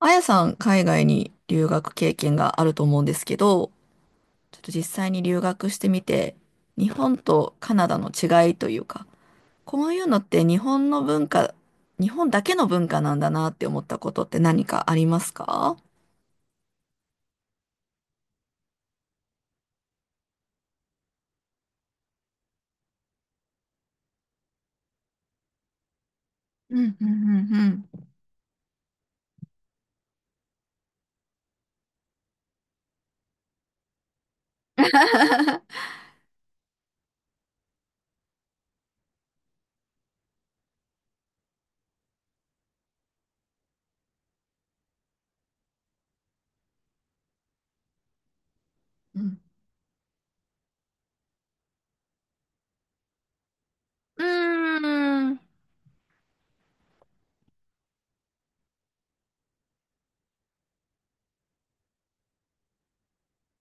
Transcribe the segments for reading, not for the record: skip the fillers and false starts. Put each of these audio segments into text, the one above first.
あやさん、海外に留学経験があると思うんですけど、ちょっと実際に留学してみて、日本とカナダの違いというか、こういうのって日本の文化、日本だけの文化なんだなって思ったことって何かありますか？うんうんうんうん。うーん。う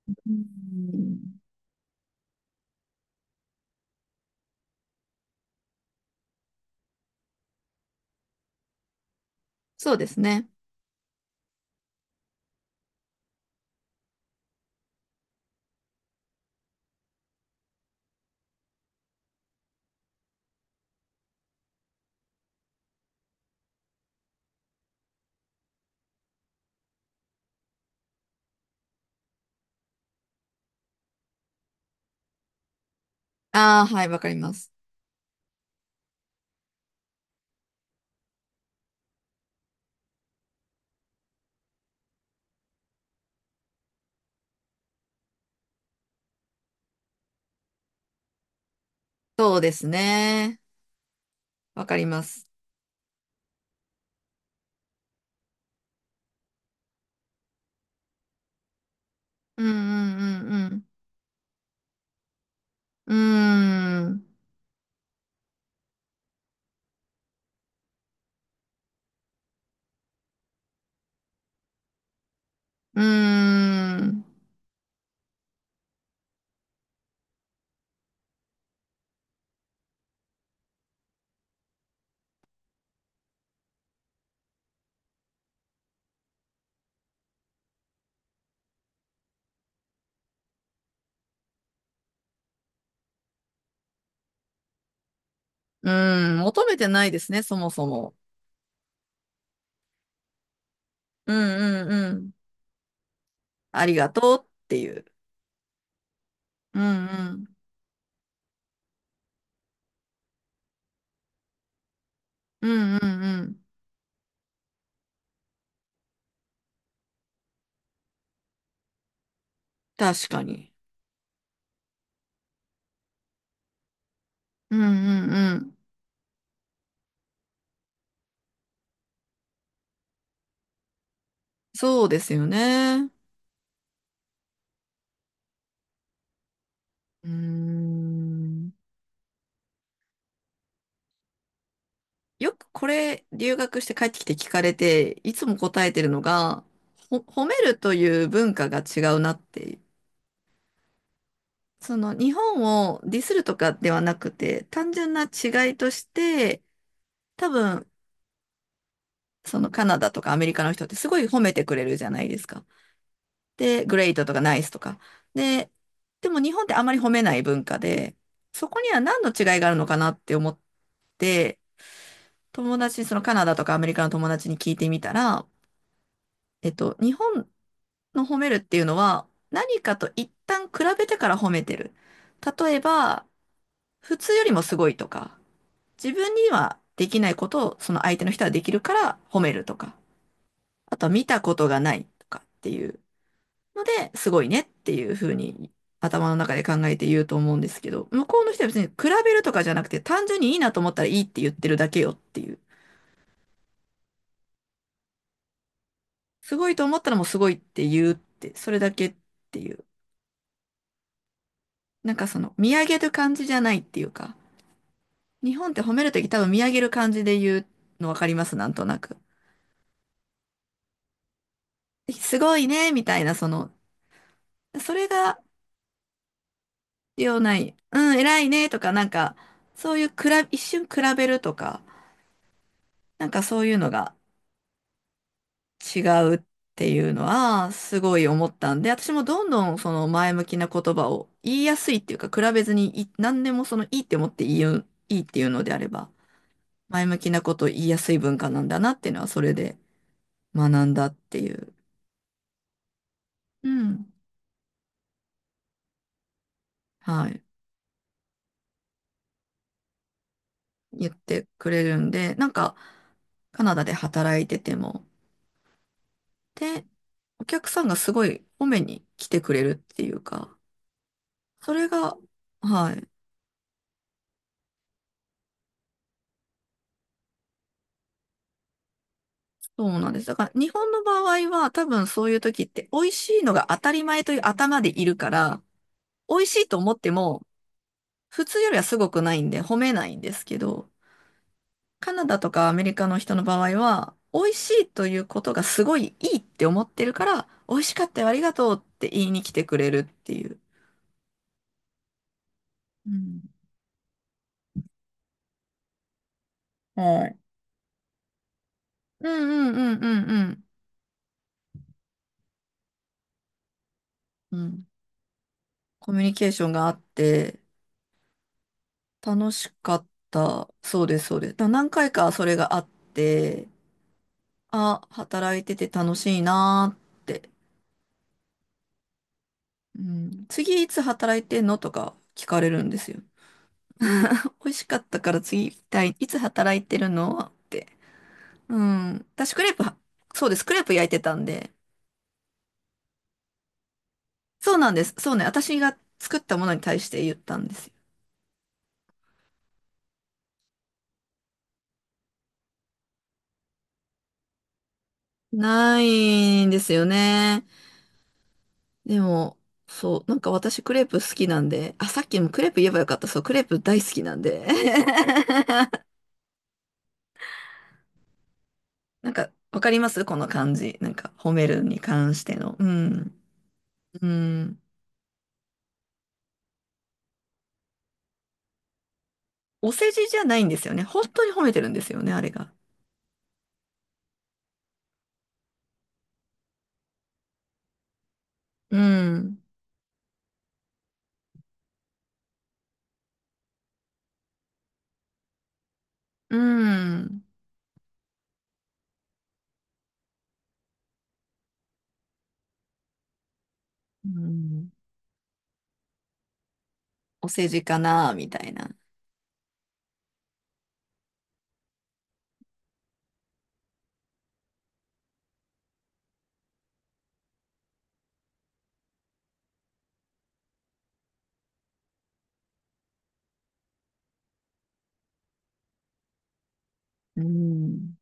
ん、そうですね。ああ、はい、わかります。そうですね。わかります。うんうんうんうん。うーん。うーん。うん、求めてないですね、そもそも。うんうんうん。ありがとうっていう。うんうん。うんうんうん。確かに。うんうんうん。そうですよね。うーん。よくこれ、留学して帰ってきて聞かれて、いつも答えてるのが、褒めるという文化が違うなって。その、日本をディスるとかではなくて、単純な違いとして、多分、そのカナダとかアメリカの人ってすごい褒めてくれるじゃないですか。で、グレイトとかナイスとか。で、でも日本ってあまり褒めない文化で、そこには何の違いがあるのかなって思って、友達、そのカナダとかアメリカの友達に聞いてみたら、えっと、日本の褒めるっていうのは何かと一旦比べてから褒めてる。例えば、普通よりもすごいとか、自分にはできないことをその相手の人はできるから褒めるとか、あとは見たことがないとかっていう。ので、すごいねっていうふうに頭の中で考えて言うと思うんですけど、向こうの人は別に比べるとかじゃなくて、単純にいいなと思ったらいいって言ってるだけよっていう。すごいと思ったらもうすごいって言うって、それだけっていう。なんかその、見上げる感じじゃないっていうか、日本って褒めるとき多分見上げる感じで言うのわかりますなんとなく。すごいね、みたいな、その、それが必要ない。うん、偉いね、とか、なんか、そういう比べ、一瞬比べるとか、なんかそういうのが違うっていうのはすごい思ったんで、私もどんどんその前向きな言葉を言いやすいっていうか、比べずにい何でもそのいいって思って言う、いいっていうのであれば、前向きなことを言いやすい文化なんだなっていうのはそれで学んだっていう、うん、はい、言ってくれるんで、なんかカナダで働いてても、で、お客さんがすごい褒めに来てくれるっていうか、それが、はい。そうなんです。だから日本の場合は多分そういう時って美味しいのが当たり前という頭でいるから、美味しいと思っても普通よりはすごくないんで褒めないんですけど、カナダとかアメリカの人の場合は美味しいということがすごいいいって思ってるから、美味しかったよありがとうって言いに来てくれるっていう。うん。はい。うんうんうんうんうん。うん。コミュニケーションがあって、楽しかった。そうです、そうです。だから何回かそれがあって、あ、働いてて楽しいなーって。うん、次いつ働いてんのとか聞かれるんですよ。美味しかったから次行きたい。いつ働いてるのって。うん。私クレープは、そうです。クレープ焼いてたんで。そうなんです。そうね。私が作ったものに対して言ったんですよ。ないんですよね。でも、そう。なんか私クレープ好きなんで。あ、さっきもクレープ言えばよかった。そう。クレープ大好きなんで。なんか、わかりますこの感じ。なんか、褒めるに関しての。うん。うん。お世辞じゃないんですよね。本当に褒めてるんですよね、あれが。うん。うん。うん。お世辞かな、みたいな。うん。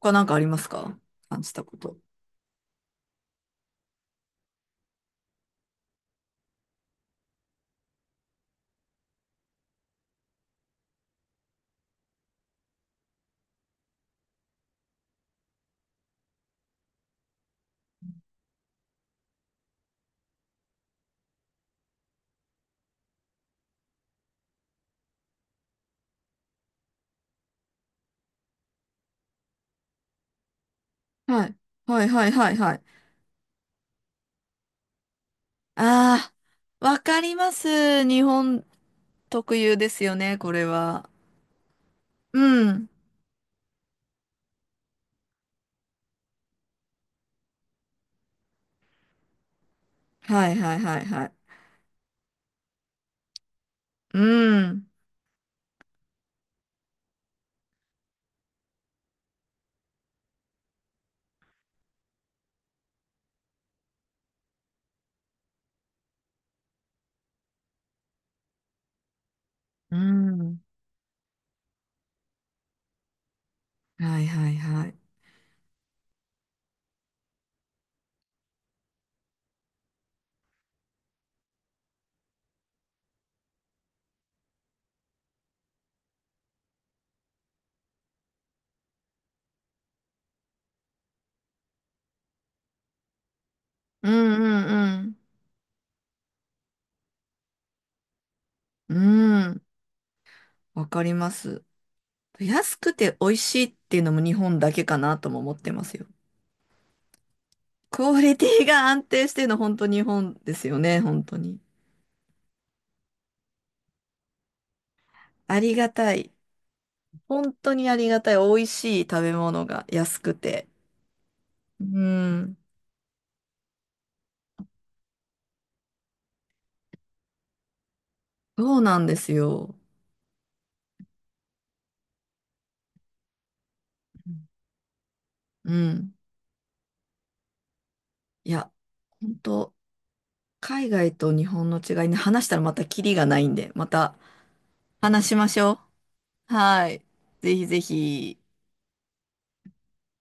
他なんかありますか？感じたこと。はい。はい、はい、はい、はい。ああ、わかります。日本特有ですよね、これは。うん。はい、はい、はい、はい。うん。うん。はい、はい、はい。うんうんうん。うん。わかります。安くて美味しいっていうのも日本だけかなとも思ってますよ。クオリティが安定してるの本当日本ですよね、本当に。ありがたい。本当にありがたい。美味しい食べ物が安くて。うん。そうなんですよ。うん。いや、本当海外と日本の違いね、話したらまたキリがないんで、また話しましょう。はい。ぜひぜひ。